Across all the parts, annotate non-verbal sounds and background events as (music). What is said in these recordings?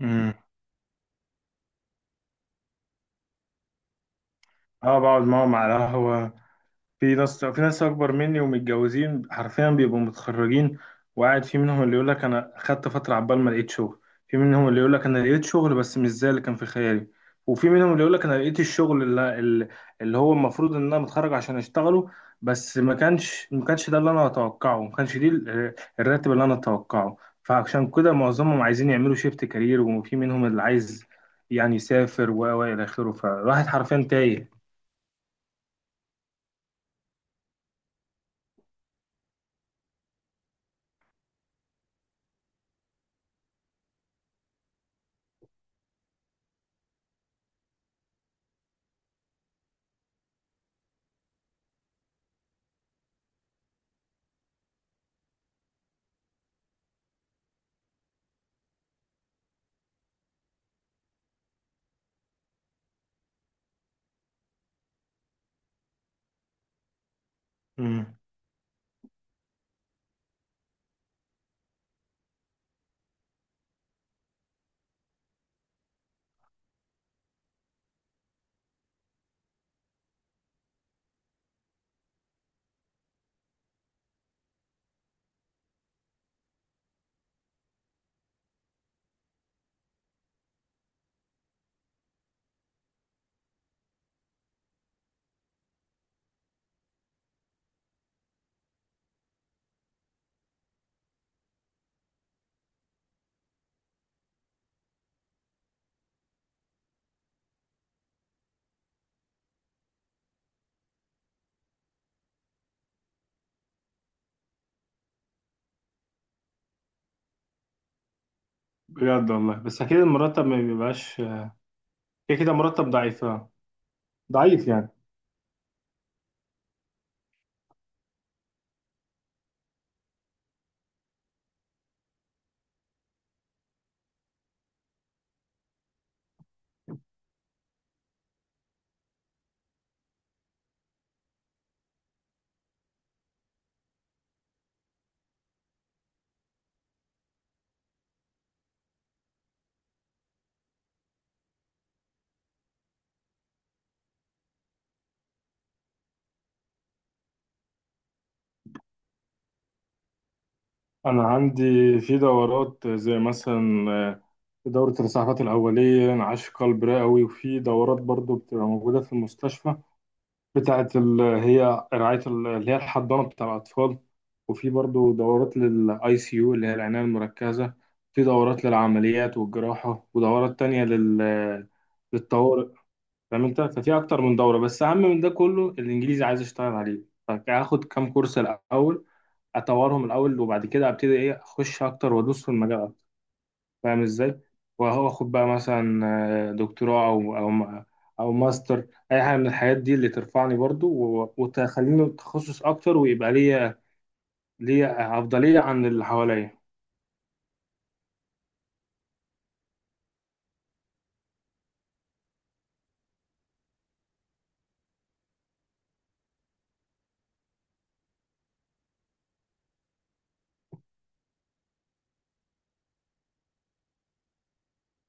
امم اه، بقعد معاهم على قهوة. في ناس اكبر مني ومتجوزين، حرفيا بيبقوا متخرجين. وقاعد في منهم اللي يقول لك انا خدت فترة عبال ما لقيت شغل. في منهم اللي يقول لك انا لقيت شغل بس مش زي اللي كان في خيالي. وفي منهم اللي يقول لك انا لقيت الشغل اللي هو المفروض ان انا متخرج عشان اشتغله. بس ما كانش ده اللي انا اتوقعه، ما كانش دي ال- الراتب اللي انا اتوقعه. فعشان كده معظمهم عايزين يعملوا شيفت كارير، وفي منهم اللي عايز يعني يسافر و الى اخره. فالواحد حرفيا تايه. مم. بجد والله، بس اكيد المرتب ما بيبقاش. كده كده مرتب ضعيف آه. ضعيف يعني. انا عندي في دورات زي مثلا دورة الإسعافات الأولية، انعاش قلب رئوي. وفي دورات برضو بتبقى موجودة في المستشفى، بتاعة هي رعاية اللي هي الحضانة بتاع الأطفال. وفي برضو دورات للآي سي يو اللي هي العناية المركزة. في دورات للعمليات والجراحة، ودورات تانية لل آه، للطوارئ. فعملتها، ففي اكتر من دوره. بس اهم من ده كله الانجليزي، عايز اشتغل عليه. فهاخد كام كورس الاول، اطورهم الاول، وبعد كده ابتدي ايه اخش اكتر وادوس في المجال اكتر. فاهم ازاي. واخد بقى مثلا دكتوراه او ماستر، اي حاجه من الحاجات دي اللي ترفعني برضو وتخليني تخصص اكتر، ويبقى ليا افضليه عن اللي حواليا.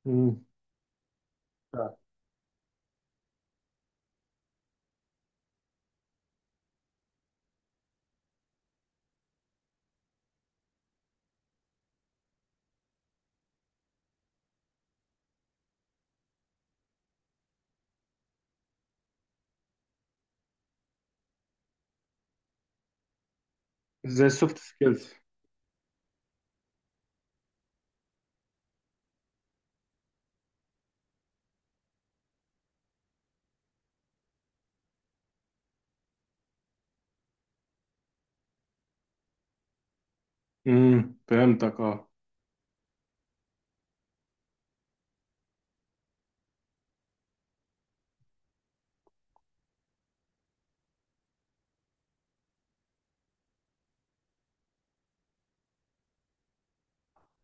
مم. زي السوفت سكيلز. فهمتك اه.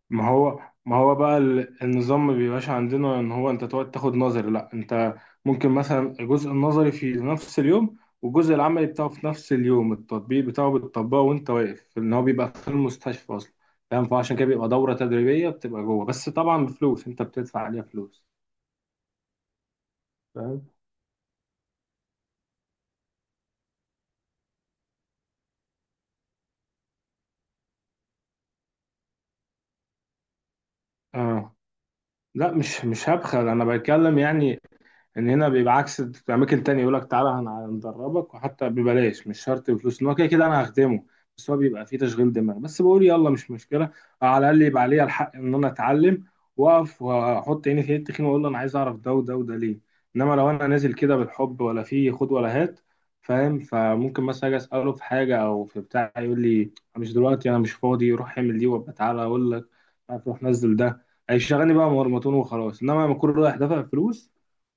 ما هو ما هو بقى النظام ما بيبقاش عندنا ان هو انت تقعد تاخد نظري. لا، انت ممكن مثلا الجزء النظري في نفس اليوم، والجزء العملي بتاعه في نفس اليوم، التطبيق بتاعه بتطبقه وانت واقف ان هو بيبقى في المستشفى اصلا. فاهم. فعشان كده بيبقى دورة تدريبية بتبقى جوه، بس طبعا بفلوس، انت بتدفع عليها فلوس. فاهم. اه، لا، مش هبخل، انا بتكلم يعني ان هنا بيبقى عكس. في اماكن تانية يقول لك تعالى هندربك، وحتى ببلاش، مش شرط بفلوس، ان هو كده كده انا هخدمه. بس هو بيبقى فيه تشغيل دماغ. بس بقول يلا مش مشكله، على الاقل يبقى عليا الحق ان انا اتعلم، واقف واحط عيني في التخين، واقول له انا عايز اعرف ده وده وده ليه. انما لو انا نازل كده بالحب ولا فيه خد ولا هات، فاهم. فممكن مثلا اجي اساله في حاجه او في بتاع يقول لي مش دلوقتي، انا مش فاضي، روح اعمل دي وابقى تعالى اقول لك، روح نزل ده. هيشغلني بقى مرمطون وخلاص. انما لما اكون رايح دافع فلوس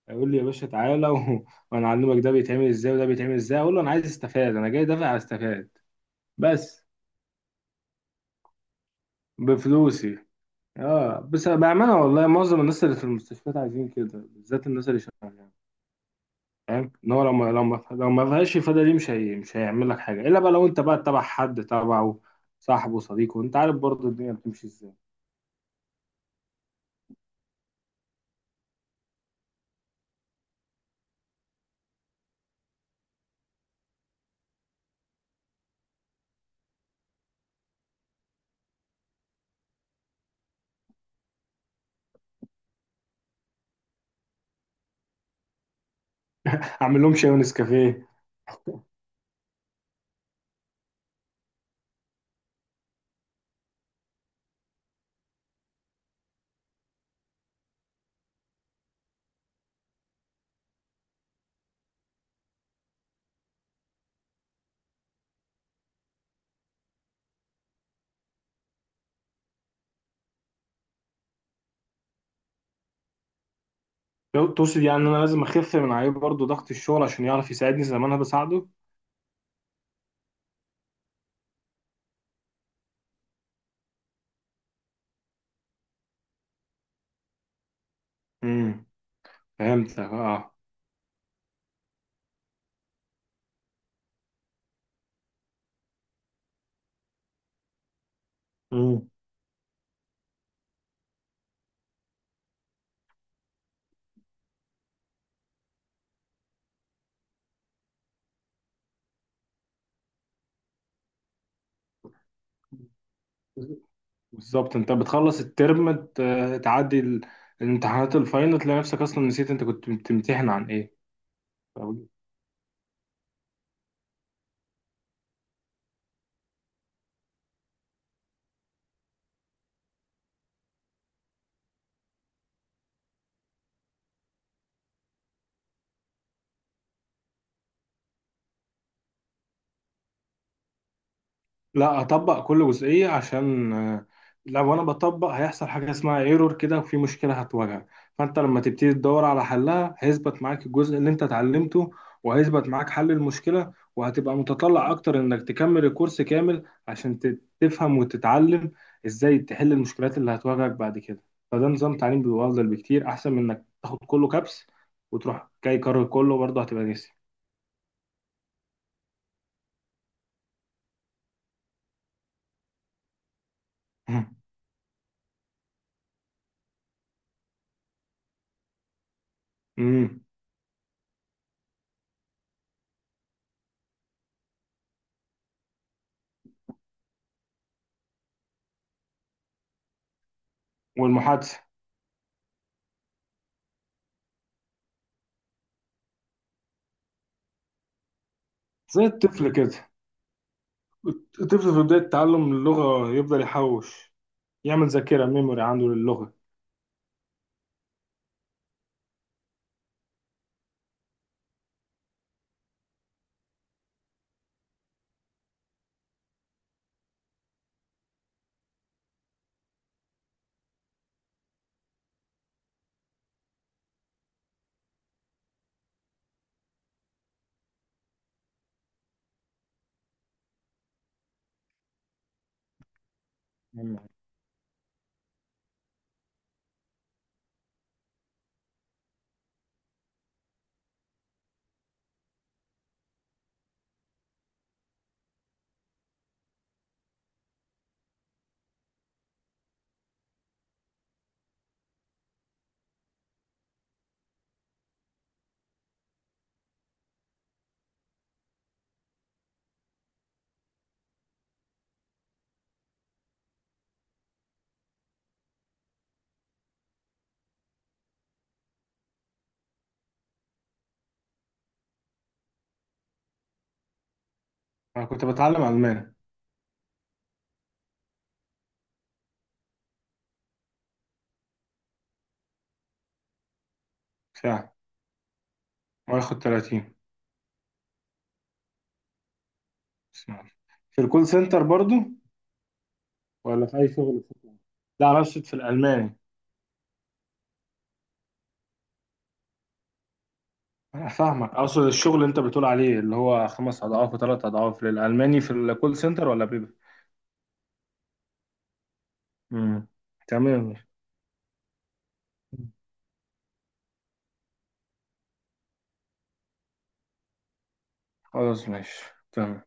يقول لي يا باشا تعالى (laughs) و... وانا اعلمك ده بيتعمل ازاي وده بيتعمل ازاي، اقول له انا عايز استفاد، انا جاي دافع استفاد. بس بفلوسي. اه، بس بامانه والله معظم الناس اللي في المستشفيات عايزين كده، بالذات الناس اللي شغاله. فاهم ان هو لو ما فيهاش افاده، دي مش هي... مش هيعمل لك حاجه، الا بقى لو انت بقى تبع حد، تبعه، صاحبه، صديقه. انت عارف برضه الدنيا بتمشي ازاي. (laughs) اعمل لهم شاي ونسكافيه. (laughs) لو تقصد يعني ان انا لازم اخف من عليه برضه ضغط الشغل عشان يعرف يساعدني زي ما انا بساعده. امم فهمتك اه. مم. بالظبط، انت بتخلص الترم، تعدي الامتحانات الفاينل، تلاقي نفسك اصلا نسيت انت كنت بتمتحن عن ايه. لا، اطبق كل جزئيه عشان لو انا بطبق هيحصل حاجه اسمها ايرور كده، وفي مشكله هتواجهك. فانت لما تبتدي تدور على حلها هيثبت معاك الجزء اللي انت اتعلمته، وهيثبت معاك حل المشكله، وهتبقى متطلع اكتر انك تكمل الكورس كامل عشان تفهم وتتعلم ازاي تحل المشكلات اللي هتواجهك بعد كده. فده نظام تعليم بيبقى افضل بكتير، احسن من انك تاخد كله كبس وتروح جاي كرر كله برضه هتبقى ناسي. (laughs) أمم. والمحادثه. زي الطفل كده. الطفل في بداية تعلم اللغة يفضل يحوش، يعمل ذاكرة ميموري عنده للغة. مم. أنا كنت بتعلم ألماني. ساعة وآخد 30 ساعة. في الكول سنتر برضو، ولا في أي شغل حكومي؟ لا، أنا أقصد في الألماني. أنا فاهمك، أقصد الشغل اللي أنت بتقول عليه اللي هو خمس أضعاف وثلاث أضعاف للألماني في الكول سنتر، ولا بيبقى. مم. تمام. خلاص ماشي. تمام.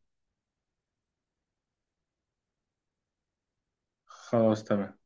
خلاص تمام.